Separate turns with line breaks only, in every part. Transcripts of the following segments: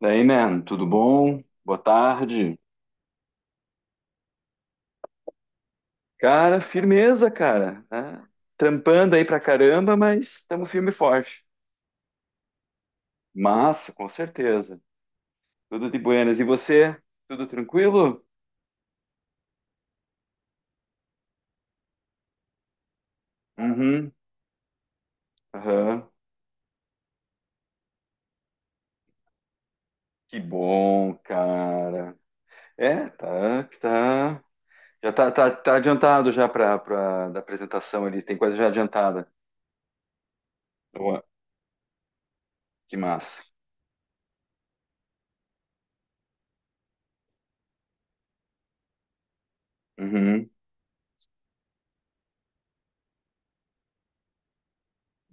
Daí, man, tudo bom? Boa tarde. Cara, firmeza, cara, né? Trampando aí pra caramba, mas estamos firme e forte. Massa, com certeza. Tudo de buenas. E você? Tudo tranquilo? Uhum. Aham. Que bom, cara. É, tá, tá. Já tá adiantado já pra da apresentação ali. Tem coisa já adiantada. Boa. Que massa. Uhum.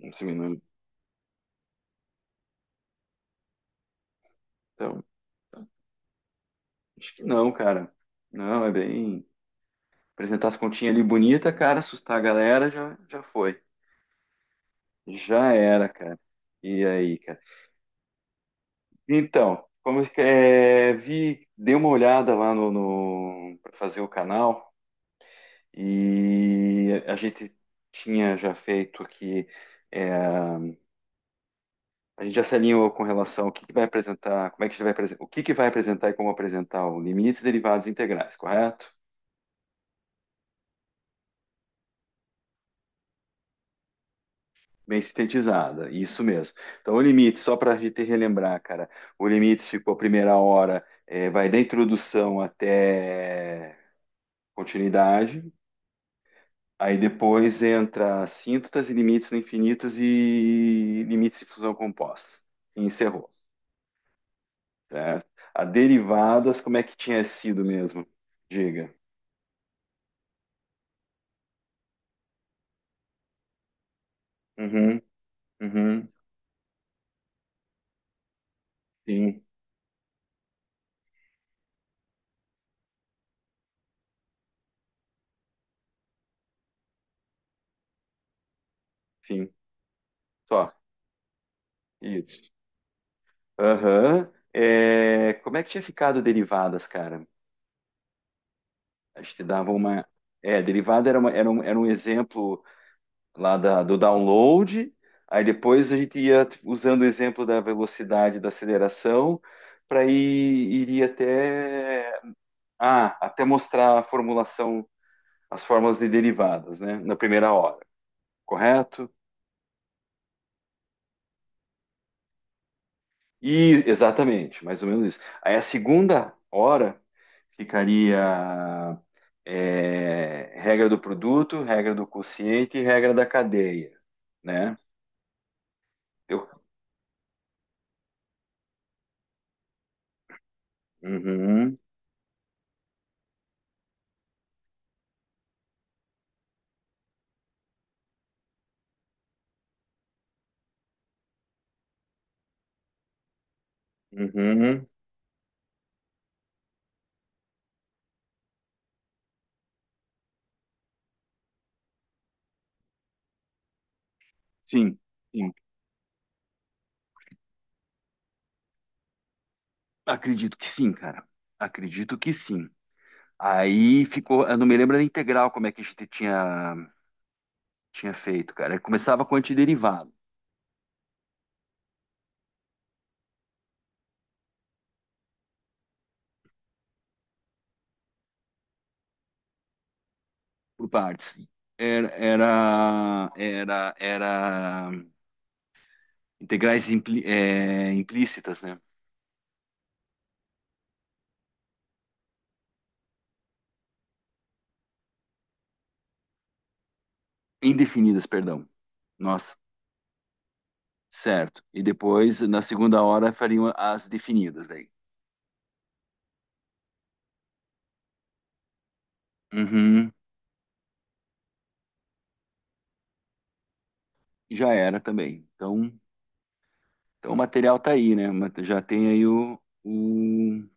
Um segundo. Então, acho que não, cara. Não, é bem. Apresentar as continhas ali bonita, cara, assustar a galera, já foi. Já era, cara. E aí, cara? Então, como é, vi, dei uma olhada lá no para fazer o canal e a gente tinha já feito aqui. é, a gente já se alinhou com relação ao que vai apresentar, como é que a gente vai o que, que vai apresentar e como apresentar o limites derivados integrais, correto? Bem sintetizada, isso mesmo. Então, o limite, só para a gente relembrar, cara, o limite ficou a primeira hora, vai da introdução até continuidade, aí depois entra síntotas e limites no infinitos e limites de fusão compostas. E encerrou, certo? A derivadas, como é que tinha sido mesmo? Diga. Uhum, uhum, sim, sim, só, isso. Aham. Como é que tinha ficado derivadas, cara? A gente dava uma. É, derivada era, era um exemplo lá da, do download, aí depois a gente ia usando o exemplo da velocidade da aceleração para ir iria até até mostrar a formulação, as fórmulas de derivadas, né, na primeira hora, correto? E exatamente, mais ou menos isso. Aí a segunda hora ficaria regra do produto, regra do quociente e regra da cadeia, né? Eu... Uhum, uhum. Sim, sim. Acredito que sim, cara. Acredito que sim. Aí ficou, eu não me lembro da integral como é que a gente tinha feito, cara. Começava com antiderivado, por partes. Era integrais implícitas, né? Indefinidas, perdão. Nossa, certo. E depois, na segunda hora, fariam as definidas daí. Uhum. Já era também. Então o material está aí, né? Ma- Já tem aí o.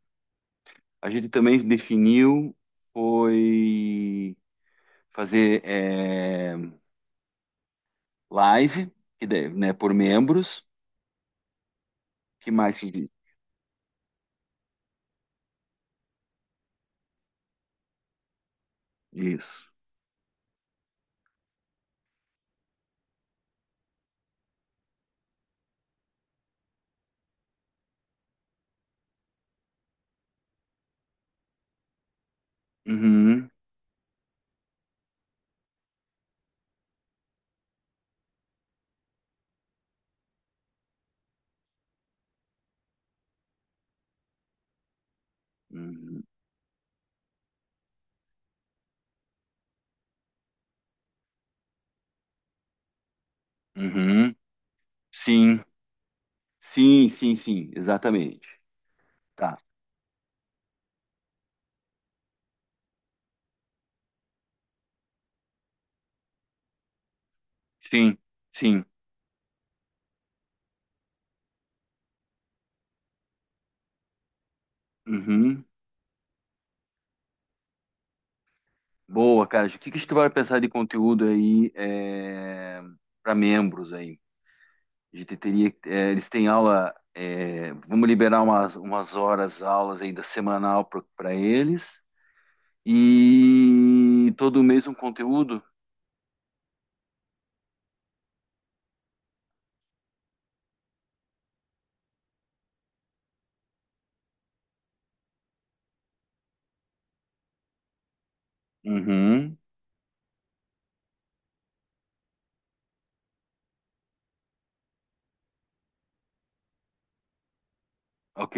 A gente também definiu foi fazer live, que daí, né, por membros. Que mais que isso? Uhum, uhum, uhum. Sim, sim, exatamente. Tá. Sim, sim. Uhum. Boa, cara. O que que a gente vai pensar de conteúdo aí, para membros aí? A gente teria, é, eles têm aula, é, vamos liberar umas horas, aulas ainda semanal para eles. E todo mês um conteúdo? Uhum. Ok.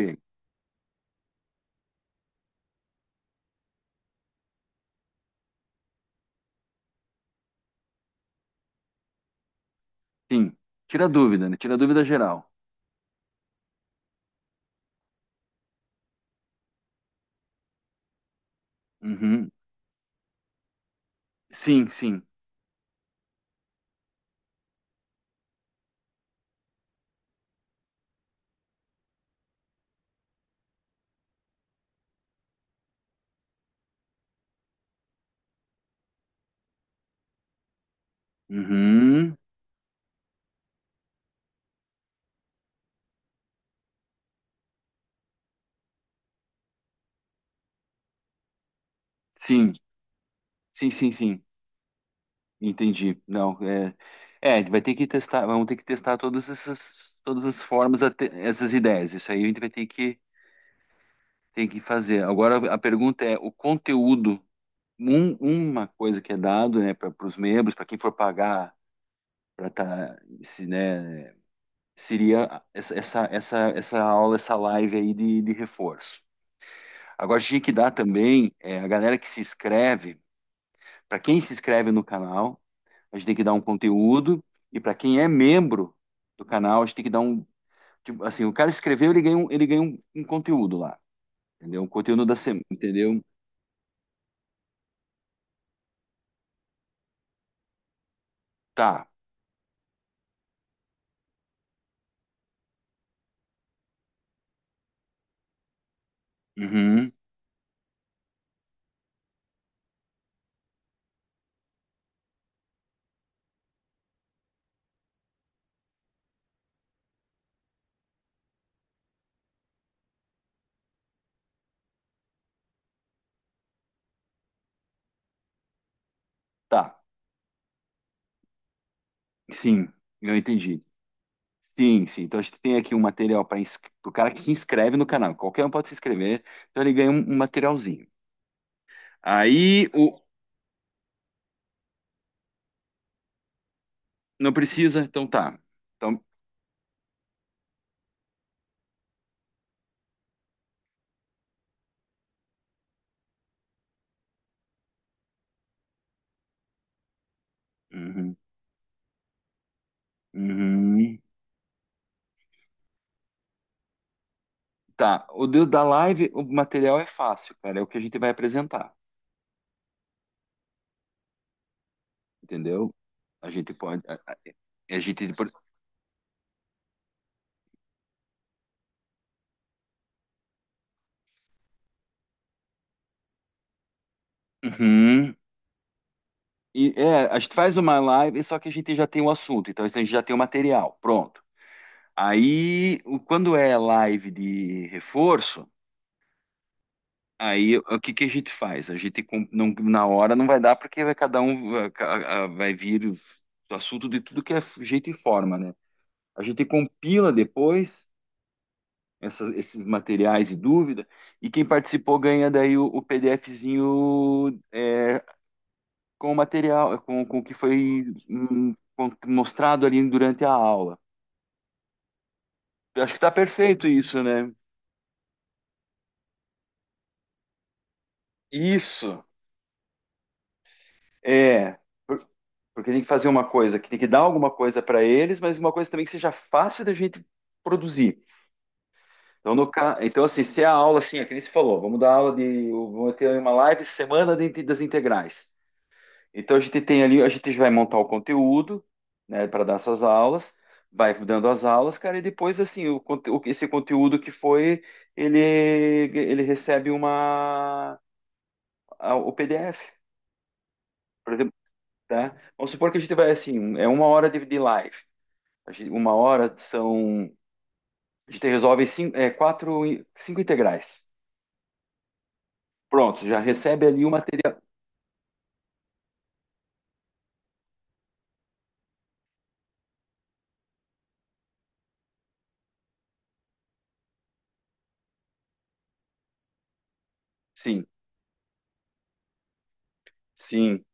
Sim. Tira dúvida, né? Tira dúvida geral. Uhum. Sim, sim. Uhum. Sim. Sim. Entendi. Não, vai ter que testar, vamos ter que testar todas essas, todas as formas, até- essas ideias. Isso aí a gente vai ter que fazer. Agora a pergunta é, o conteúdo um- uma coisa que é dado, né, para os membros, para quem for pagar para tá, se, né, seria essa aula, essa live aí de reforço. Agora, tinha que dar também a galera que se inscreve, para quem se inscreve no canal, a gente tem que dar um conteúdo, e para quem é membro do canal, a gente tem que dar um, tipo, assim, o cara escreveu, ele ganha um, um conteúdo lá, entendeu? Um conteúdo da semana, entendeu? Tá, uhum, tá, sim, eu entendi. Sim, sim. Então a gente tem aqui um material para o cara que se inscreve no canal. Qualquer um pode se inscrever, então ele ganha um, um materialzinho. Aí o não precisa, então tá. Então, uhum, uhum. Tá. O do- da live, o material é fácil, cara. É o que a gente vai apresentar, entendeu? A gente pode, a gente, uhum. E é, a gente faz uma live, só que a gente já tem o assunto. Então a gente já tem o material, pronto. Aí, o- quando é live de reforço. Aí, o que que a gente faz? A gente com- não, na hora não vai dar porque vai cada um vai ca- a- vai vir o assunto de tudo que é jeito e forma, né? A gente compila depois essas- esses materiais e dúvida e quem participou ganha daí o PDFzinho com o material, com o que foi com- mostrado ali durante a aula. Eu acho que tá perfeito isso, né? Isso, é. Porque tem que fazer uma coisa que tem que dar alguma coisa para eles, mas uma coisa também que seja fácil da gente produzir. Então, no, ca- então assim, se é a aula, assim, é que nem se falou, vamos dar aula de. Vamos ter uma live semana de- das integrais. Então, a gente tem ali, a gente vai montar o conteúdo, né, para dar essas aulas, vai dando as aulas, cara, e depois, assim, o, conte- o- esse conteúdo que foi, ele, ele recebe uma, a- o PDF, por exemplo, tá? Vamos supor que a gente vai, assim, é uma hora de live. A gente- uma hora são. A gente resolve cinco, é, quatro, cinco integrais. Pronto, já recebe ali o material. Sim, sim,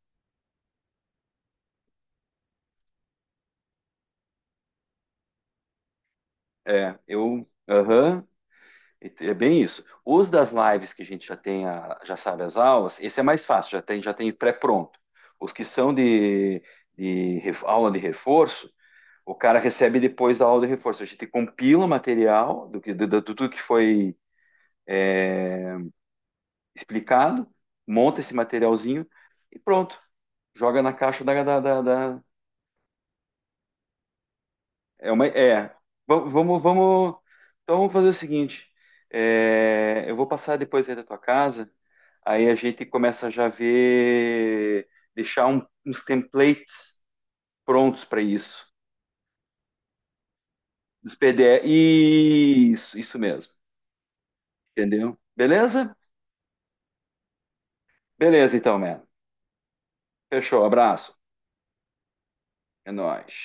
é. Eu. Aham. É bem isso. Os das lives que a gente já tem, a- já sabe as aulas, esse é mais fácil, já tem pré-pronto. Os que são de ref- aula de reforço, o cara recebe depois da aula de reforço. A gente compila o material do que, do, do, do tudo que foi explicado, monta esse materialzinho e pronto. Joga na caixa da, da, da- da- É uma. É. Vamos. Então vamos fazer o seguinte. É, eu vou passar depois aí da tua casa. Aí a gente começa já a ver, deixar um- uns templates prontos para isso. Os PDF. Isso, isso mesmo. Entendeu? Beleza? Beleza, então, mano. Fechou. Abraço. É nóis.